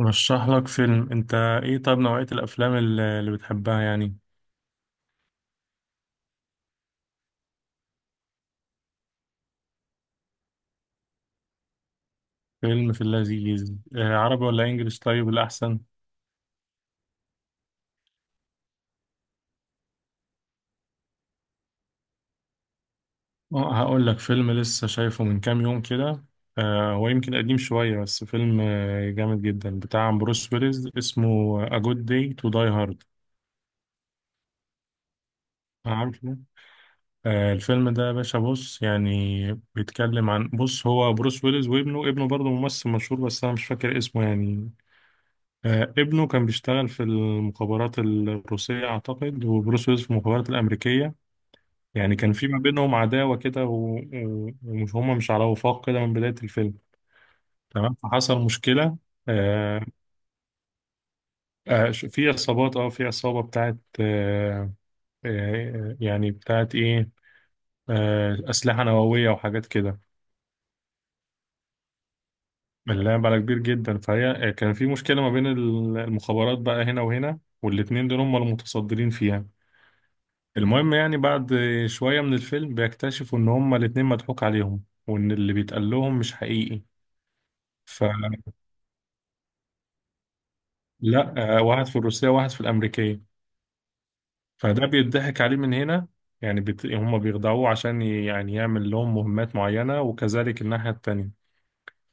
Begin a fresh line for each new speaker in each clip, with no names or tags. رشح لك فيلم انت. ايه، طيب نوعية الافلام اللي بتحبها يعني؟ فيلم في اللذيذ، عربي ولا انجليش طيب الاحسن؟ اه هقول لك فيلم لسه شايفه من كام يوم كده. هو يمكن قديم شوية، بس فيلم جامد جدا بتاع بروس ويلز اسمه A Good Day to Die Hard. عارفه؟ الفيلم ده يا باشا، بص يعني بيتكلم عن، بص هو بروس ويلز وابنه، ابنه برضه ممثل مشهور بس انا مش فاكر اسمه يعني. ابنه كان بيشتغل في المخابرات الروسية أعتقد، وبروس ويلز في المخابرات الأمريكية. يعني كان في ما بينهم عداوة كده، و- و- ومش، هما مش على وفاق كده من بداية الفيلم. تمام، فحصل مشكلة. آه، في عصابات، اه في عصابة بتاعت آه، يعني بتاعت إيه، أسلحة نووية وحاجات كده. اللعب على كبير جدا، فهي كان في مشكلة ما بين المخابرات بقى هنا وهنا، والاتنين دول هما المتصدرين فيها. المهم يعني بعد شوية من الفيلم بيكتشفوا إن هما الاتنين مضحوك عليهم، وإن اللي بيتقال لهم مش حقيقي. فلا، واحد في الروسية وواحد في الأمريكية. فده بيضحك عليه من هنا. يعني بت... هما بيخدعوه عشان ي... يعني يعمل لهم مهمات معينة، وكذلك الناحية التانية.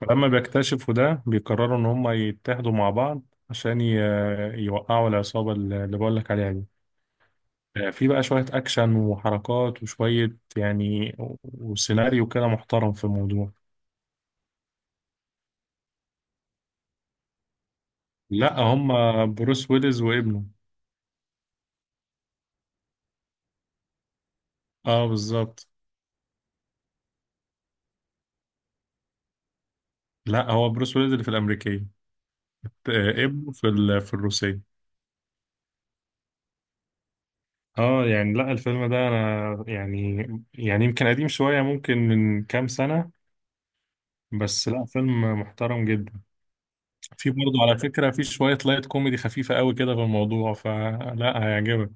فلما بيكتشفوا ده بيقرروا إن هما يتحدوا مع بعض عشان ي... يوقعوا العصابة اللي بقولك عليها دي. في بقى شوية أكشن وحركات وشوية، يعني و- وسيناريو كده محترم في الموضوع. لا، هم بروس ويلز وابنه. اه بالظبط. لا، هو بروس ويلز اللي في الامريكيه، ابنه في الروسيه. اه يعني، لا الفيلم ده انا يعني، يعني يمكن قديم شويه، ممكن من كام سنه، بس لا فيلم محترم جدا. في برضه على فكره في شويه لايت كوميدي خفيفه قوي كده في الموضوع، فلا هيعجبك.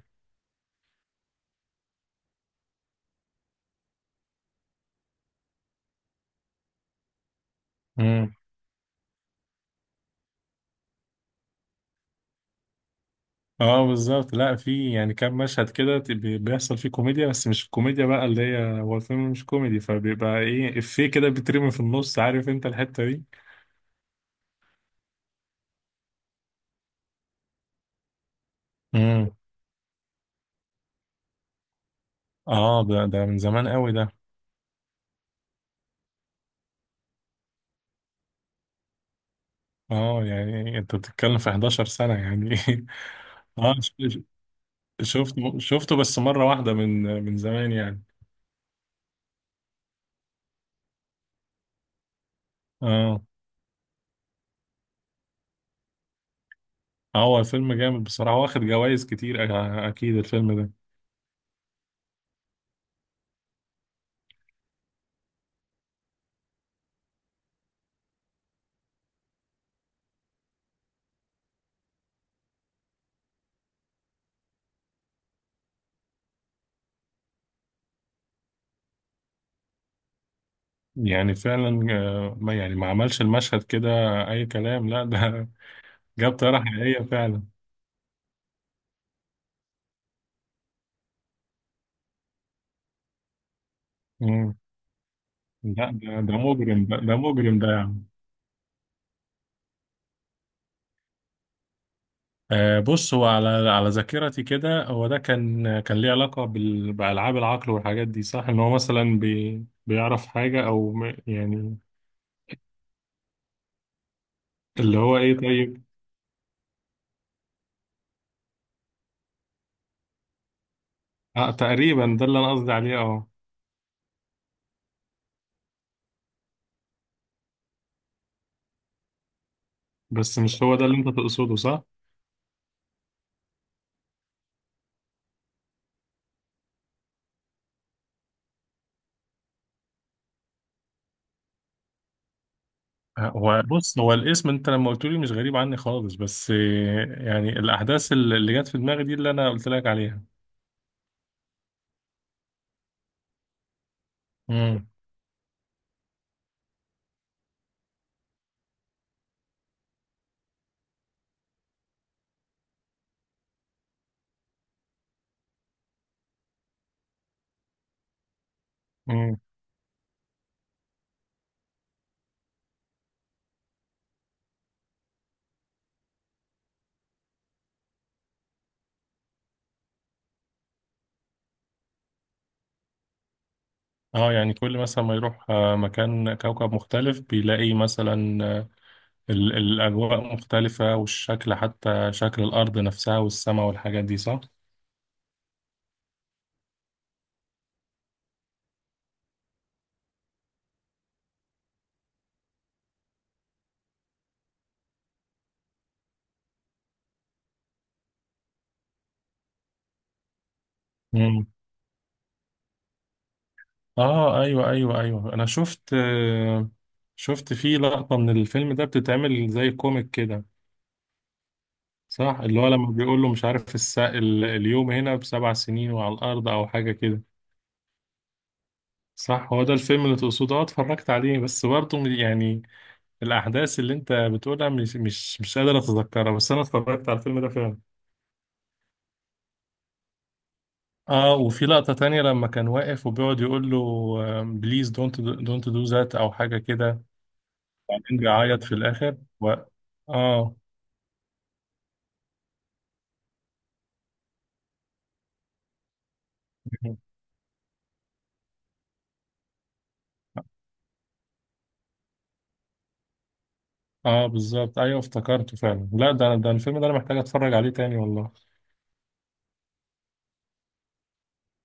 اه بالظبط. لا، في يعني كام مشهد كده ت- بي- بيحصل فيه كوميديا، بس مش الكوميديا بقى اللي هي، هو الفيلم مش كوميدي، فبيبقى ايه، افيه كده بيترمي في النص، عارف انت الحتة دي. امم اه، ده من زمان قوي ده. اه يعني انت بتتكلم في 11 سنة يعني. اه، شفته بس مرة واحدة من زمان يعني. اه، هو الفيلم جامد بصراحة، واخد جوائز كتير أ-، اكيد الفيلم ده. يعني فعلا، ما يعني، ما عملش المشهد كده اي كلام، لا ده جاب طيارة حقيقية فعلا. مم. لا ده، ده مجرم ده يعني. آه بص، هو على على ذاكرتي كده، هو ده كان، كان ليه علاقة بألعاب العقل والحاجات دي صح؟ إن هو مثلا بي بيعرف حاجة أو م- يعني. اللي هو إيه طيب. آه تقريبا ده اللي أنا قصدي عليه، أه. بس مش هو ده اللي أنت تقصده صح؟ هو بص، هو الاسم أنت لما قلت لي مش غريب عني خالص، بس يعني الأحداث اللي جت في دماغي دي اللي أنا قلت لك عليها. مم. اه يعني كل مثلا ما يروح مكان كوكب مختلف بيلاقي مثلا، ال- الأجواء مختلفة، والشكل، حتى شكل الأرض نفسها والسماء والحاجات دي صح؟ مم. اه ايوه ايوه ايوه، انا شفت شفت فيه لقطة من الفيلم ده بتتعمل زي كوميك كده صح؟ اللي هو لما بيقول له مش عارف الس... ال- اليوم هنا بسبع سنين وعلى الأرض أو حاجة كده. صح، هو ده الفيلم اللي تقصده، اه اتفرجت عليه، بس برضه يعني الأحداث اللي أنت بتقولها مش قادر أتذكرها، بس أنا اتفرجت على الفيلم ده فعلا. آه، وفي لقطة تانية لما كان واقف وبيقعد يقول له بليز دونت دو ذات أو حاجة كده، وبعدين بيعيط في الآخر و... آه. آه بالظبط، أيوه افتكرته فعلا، لا ده الفيلم ده أنا محتاج أتفرج عليه تاني والله.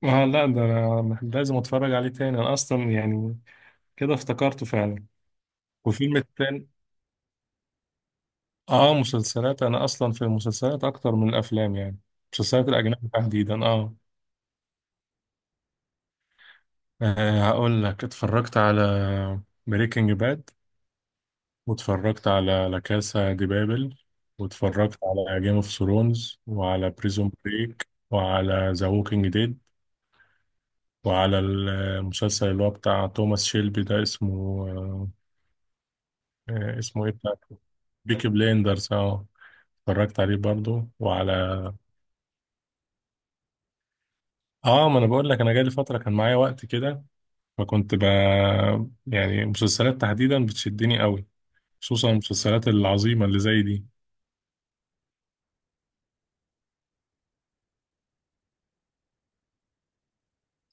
آه لا، ده أنا مح-، لازم أتفرج عليه تاني أنا أصلا يعني، كده افتكرته فعلا. وفيلم التاني، آه مسلسلات أنا أصلا في المسلسلات أكتر من الأفلام يعني. المسلسلات الأجنبي تحديدا، آه. أه هقول لك اتفرجت على بريكنج باد، واتفرجت على لا كاسا دي بابل، واتفرجت على جيم اوف ثرونز وعلى بريزون بريك وعلى ذا ووكينج ديد، وعلى المسلسل اللي هو بتاع توماس شيلبي ده اسمه أه، اسمه ايه بتاع، بيكي بليندرز اه. اتفرجت عليه برضو، وعلى، اه ما انا بقول لك انا جالي فترة كان معايا وقت كده، فكنت ب، يعني مسلسلات تحديدا بتشدني قوي، خصوصا المسلسلات العظيمة اللي زي دي.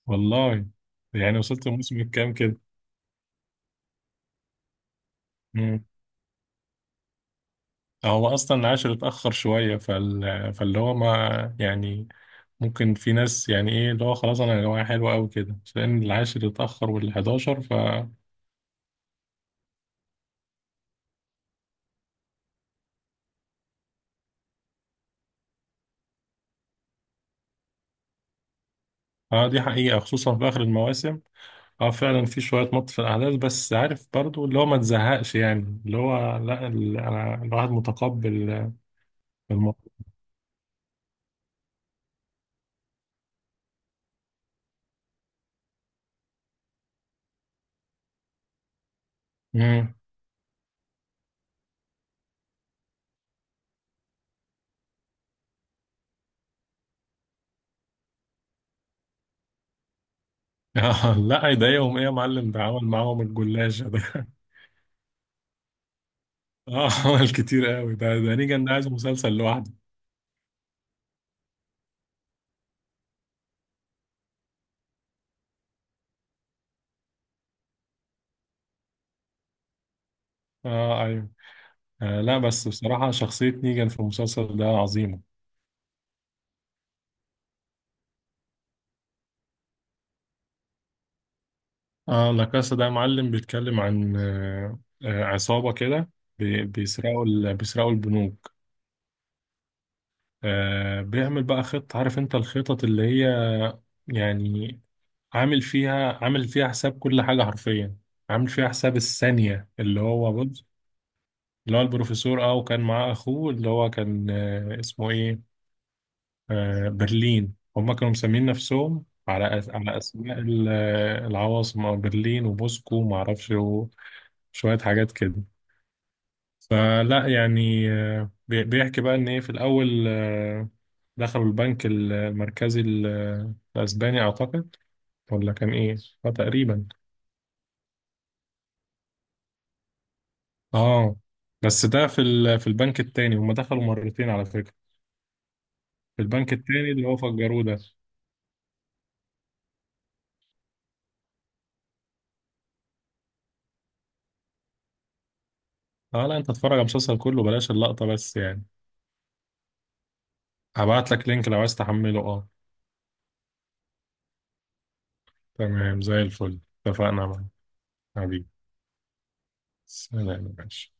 والله، يعني وصلت الموسم الكام كده؟ مم. هو اصلا العاشر اتاخر شويه، فال... فاللي هو ما يعني، ممكن في ناس يعني ايه اللي هو خلاص انا يا جماعه حلوه قوي كده، بس لان العاشر اتاخر وال11 ف. اه دي حقيقه، خصوصا في اخر المواسم. اه فعلا في شويه مط في الاحداث، بس عارف برضو اللي هو ما تزهقش يعني اللي هو لا، ال... انا الواحد متقبل الموضوع. مم. لا يضايقهم ايه يا معلم، ده عمل معاهم الجلاشه ده. اه عمل كتير قوي ده، ده نيجان ده عايز مسلسل لوحده. اه ايوه، آه لا، بس بصراحة شخصية نيجان في المسلسل ده عظيمة. اه لا كاسا ده معلم، بيتكلم عن آه، عصابة كده، بيسرقوا بيسرقوا البنوك. آه بيعمل بقى خطة، عارف انت الخطط اللي هي يعني، عامل فيها عامل فيها حساب كل حاجة حرفيا، عامل فيها حساب الثانية، اللي هو بص. اللي هو البروفيسور اه، وكان معاه اخوه اللي هو كان آه اسمه ايه، برلين. هم كانوا مسمين نفسهم على أس... على أسماء ال- العواصم، أو برلين وموسكو وما أعرفش وشوية حاجات كده. فلا يعني بي- بيحكي بقى إن إيه، في الأول دخلوا البنك ال- المركزي ال- الأسباني أعتقد، ولا كان إيه؟ آه تقريبا، آه بس ده في ال... في البنك التاني، هم دخلوا مرتين على فكرة. في البنك التاني اللي هو فجروه ده. اه لا، انت اتفرج على المسلسل كله بلاش اللقطة بس يعني. هبعت لك لينك لو عايز تحمله، اه. تمام زي الفل، اتفقنا معاك. حبيبي. سلام يا باشا.